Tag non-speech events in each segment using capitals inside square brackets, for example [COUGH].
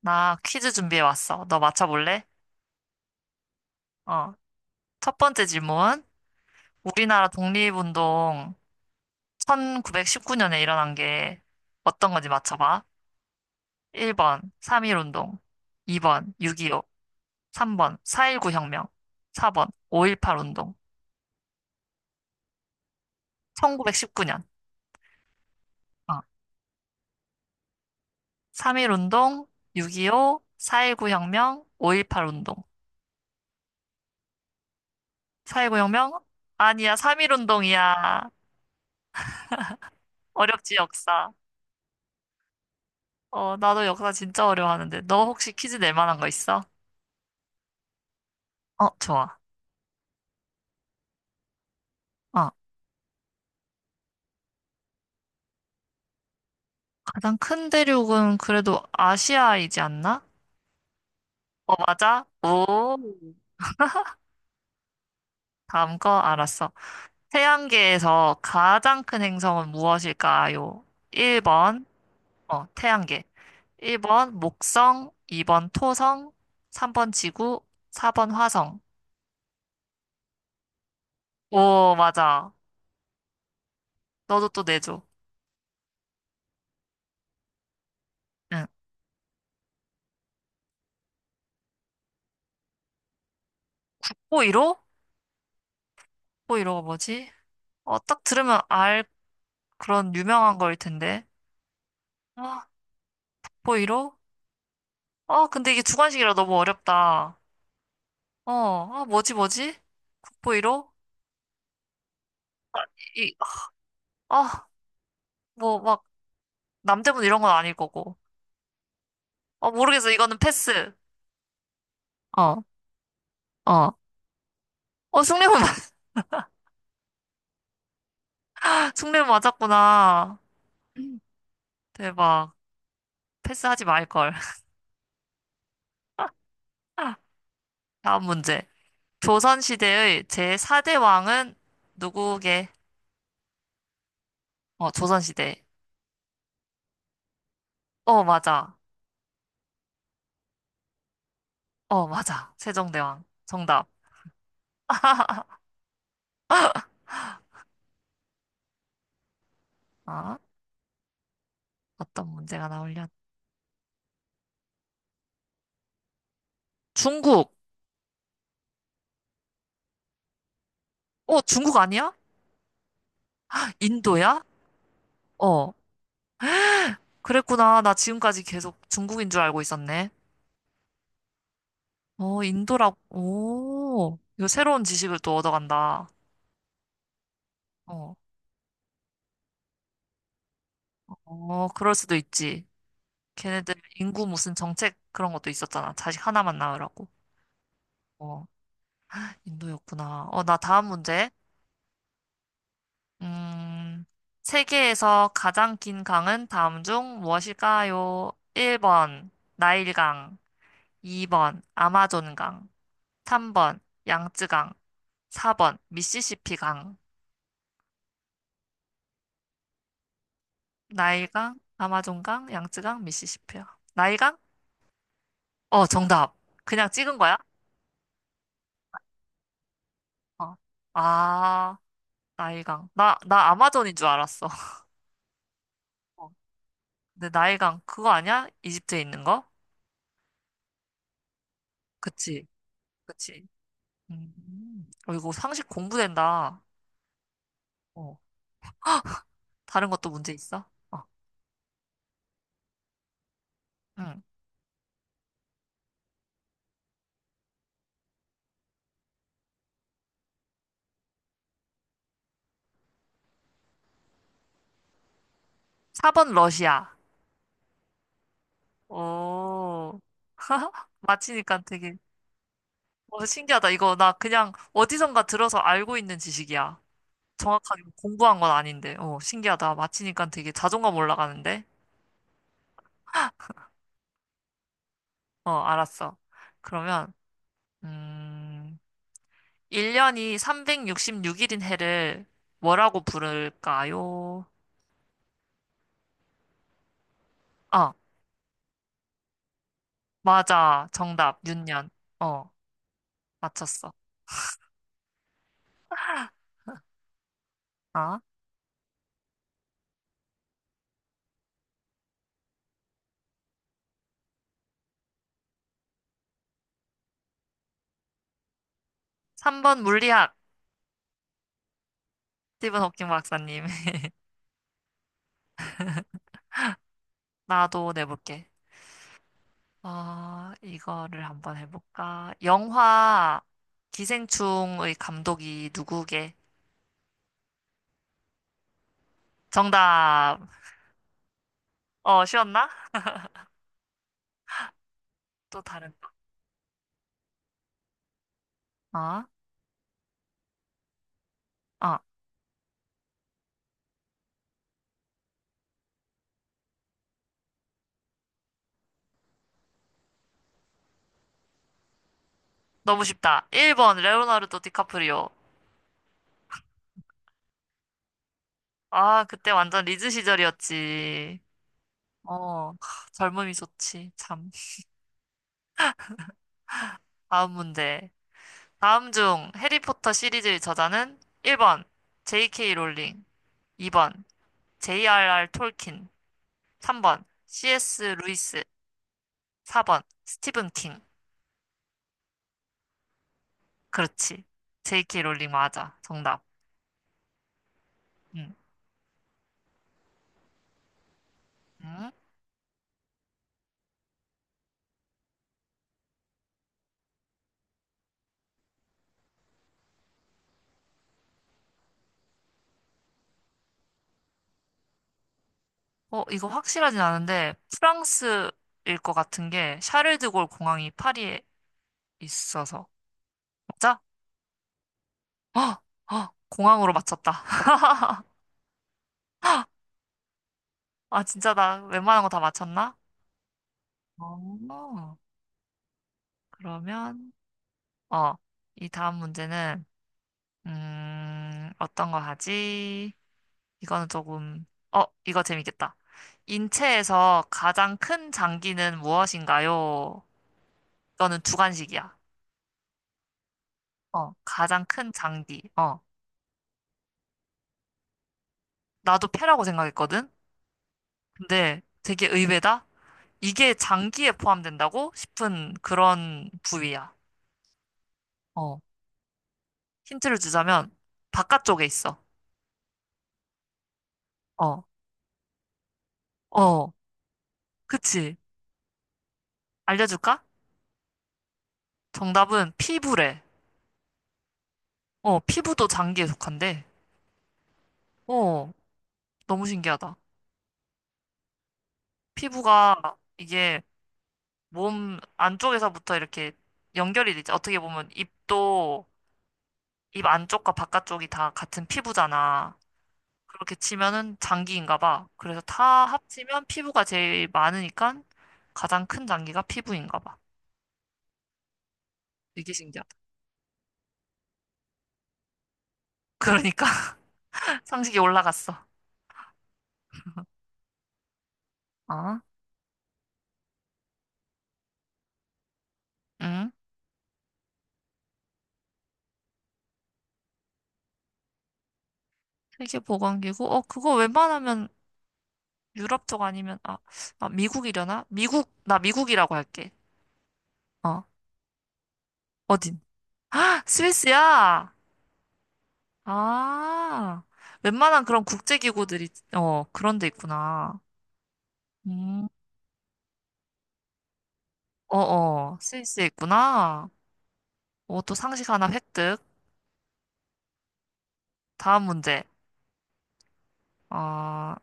나 퀴즈 준비해 왔어. 너 맞춰볼래? 어. 첫 번째 질문. 우리나라 독립운동 1919년에 일어난 게 어떤 건지 맞춰봐. 1번 3.1운동, 2번 6.25, 3번 4.19 혁명, 4번 5.18 운동, 1919년. 어. 3.1운동, 6.25, 4.19 혁명, 5.18 운동. 4.19 혁명? 아니야, 3.1 운동이야. 어렵지, 역사. 어, 나도 역사 진짜 어려워하는데. 너 혹시 퀴즈 낼 만한 거 있어? 어, 좋아. 어, 가장 큰 대륙은 그래도 아시아이지 않나? 어, 맞아? 오, 다음 거 알았어. 태양계에서 가장 큰 행성은 무엇일까요? 1번, 어, 태양계. 1번, 목성. 2번, 토성. 3번, 지구. 4번, 화성. 오, 맞아. 너도 또 내줘. 응. 호이로? 호이로가 뭐지? 어, 딱 들으면 알 그런 유명한 거일 텐데. 아, 북보이로? 아, 근데 이게 주관식이라 너무 어렵다. 어, 아, 뭐지, 뭐지? 북보이로? 이, 아, 뭐, 막, 남대문 이런 건 아닐 거고. 어, 모르겠어. 이거는 패스. 어, 어. 어, 숭례문, [LAUGHS] 숭례문 맞았구나. 대박. 패스하지 말걸. [LAUGHS] 다음 문제. 조선시대의 제4대 왕은 누구게? 어, 조선시대. 어, 맞아. 어, 맞아. 세종대왕. 정답. [LAUGHS] 아. 어떤 문제가 나오려? 중국! 어, 중국 아니야? 인도야? 어, 그랬구나. 나 지금까지 계속 중국인 줄 알고 있었네. 어, 인도라고. 오, 이거 새로운 지식을 또 얻어간다. 어, 어, 그럴 수도 있지. 걔네들 인구 무슨 정책 그런 것도 있었잖아. 자식 하나만 낳으라고. 어, 인도였구나. 어, 나 다음 문제. 음, 세계에서 가장 긴 강은 다음 중 무엇일까요? 1번, 나일강. 2번 아마존강, 3번 양쯔강, 4번 미시시피강, 나일강, 아마존강, 양쯔강, 미시시피강. 나일강? 어, 정답. 그냥 찍은 거야? 어. 아, 나일강. 나 아마존인 줄 알았어. [LAUGHS] 어. 근데 나일강 그거 아니야? 이집트에 있는 거? 그치, 그치. 어, 이거 상식 공부된다. 어. 다른 것도 문제 있어? 어. 응. 4번 러시아. 오. [LAUGHS] 맞히니까 되게 어, 신기하다. 이거 나 그냥 어디선가 들어서 알고 있는 지식이야. 정확하게 뭐 공부한 건 아닌데. 어, 신기하다. 맞히니까 되게 자존감 올라가는데. 어, 알았어. 그러면, 음, 1년이 366일인 해를 뭐라고 부를까요? 어, 맞아. 정답, 윤년. 어, 맞췄어. 아, 3번 물리학. 스티븐 호킹 박사님. [LAUGHS] 나도 내볼게. 아, 이거를 한번 해볼까? 영화 기생충의 감독이 누구게? 정답. 어, 쉬웠나? 또 다른 거. 어? 어, 너무 쉽다. 1번 레오나르도 디카프리오. 아, 그때 완전 리즈 시절이었지. 어, 하, 젊음이 좋지. 참. 다음 문제. 다음 중 해리포터 시리즈의 저자는 1번 J.K. 롤링, 2번 J.R.R. 톨킨, 3번 C.S. 루이스. 4번. 스티븐 킹. 그렇지. J.K. 롤링 맞아. 정답. 응. 응? 어, 이거 확실하진 않은데, 프랑스일 것 같은 게, 샤를드골 공항이 파리에 있어서. 맞아? 어, 어, 공항으로 맞췄다. [LAUGHS] 아, 진짜 나 웬만한 거 다 맞췄나? 어, 그러면, 어, 이 다음 문제는, 어떤 거 하지? 이거는 조금, 어, 이거 재밌겠다. 인체에서 가장 큰 장기는 무엇인가요? 너는 주관식이야. 어, 가장 큰 장기. 어, 나도 패라고 생각했거든? 근데 되게 의외다? 이게 장기에 포함된다고 싶은 그런 부위야. 어, 힌트를 주자면 바깥쪽에 있어. 어, 어, 그치. 알려줄까? 정답은 피부래. 어, 피부도 장기에 속한데. 어, 너무 신기하다. 피부가 이게 몸 안쪽에서부터 이렇게 연결이 되지. 어떻게 보면 입도 입 안쪽과 바깥쪽이 다 같은 피부잖아. 그렇게 치면은 장기인가 봐. 그래서 다 합치면 피부가 제일 많으니까 가장 큰 장기가 피부인가 봐. 되게 신기하다. 그러니까 [LAUGHS] 상식이 올라갔어. 어? 응? 세계보건기구? 어, 그거 웬만하면 유럽 쪽 아니면, 아, 아, 미국이려나? 미국, 나 미국이라고 할게. 어, 어딘? [LAUGHS] 스위스야! 아, 웬만한 그런 국제기구들이, 어, 그런 데 있구나. 음, 어어, 스위스에 있구나. 오, 또 상식 하나 획득. 다음 문제. 어,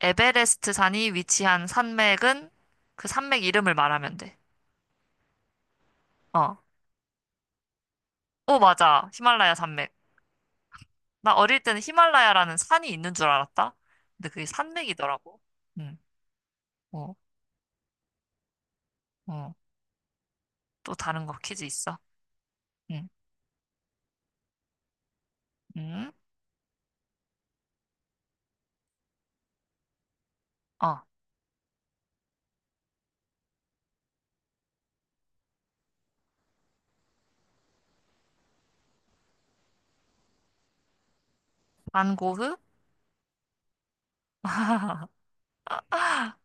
에베레스트 산이 위치한 산맥은 그 산맥 이름을 말하면 돼. 어. 오, 맞아. 히말라야 산맥. 나 어릴 때는 히말라야라는 산이 있는 줄 알았다. 근데 그게 산맥이더라고. 응, 어, 어. 또 다른 거 퀴즈 있어. 응, 응. 어, 반 고흐? [LAUGHS]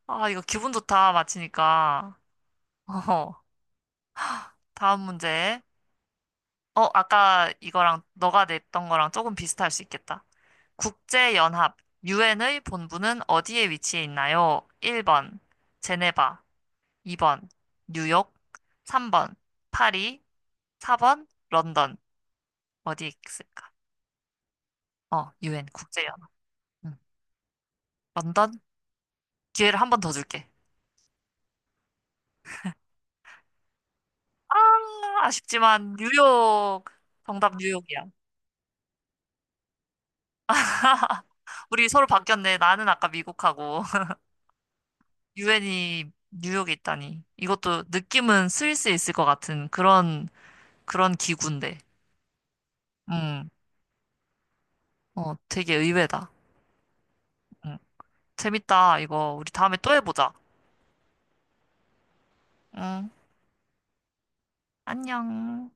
아, 이거 기분 좋다. 맞히니까. 어, 다음 문제. 어, 아까 이거랑 너가 냈던 거랑 조금 비슷할 수 있겠다. 국제연합, 유엔의 본부는 어디에 위치해 있나요? 1번, 제네바, 2번, 뉴욕, 3번, 파리, 4번, 런던. 어디에 있을까? 어, 유엔, 국제연합. 응. 런던? 기회를 한 번 더 줄게. 아, 아쉽지만 뉴욕. 정답 뉴욕이야. [LAUGHS] 우리 서로 바뀌었네. 나는 아까 미국하고. 유엔이 뉴욕에 있다니. 이것도 느낌은 스위스에 있을 것 같은 그런 기구인데. 음, 어, 되게 의외다. 음, 재밌다. 이거 우리 다음에 또 해보자. 응, 안녕.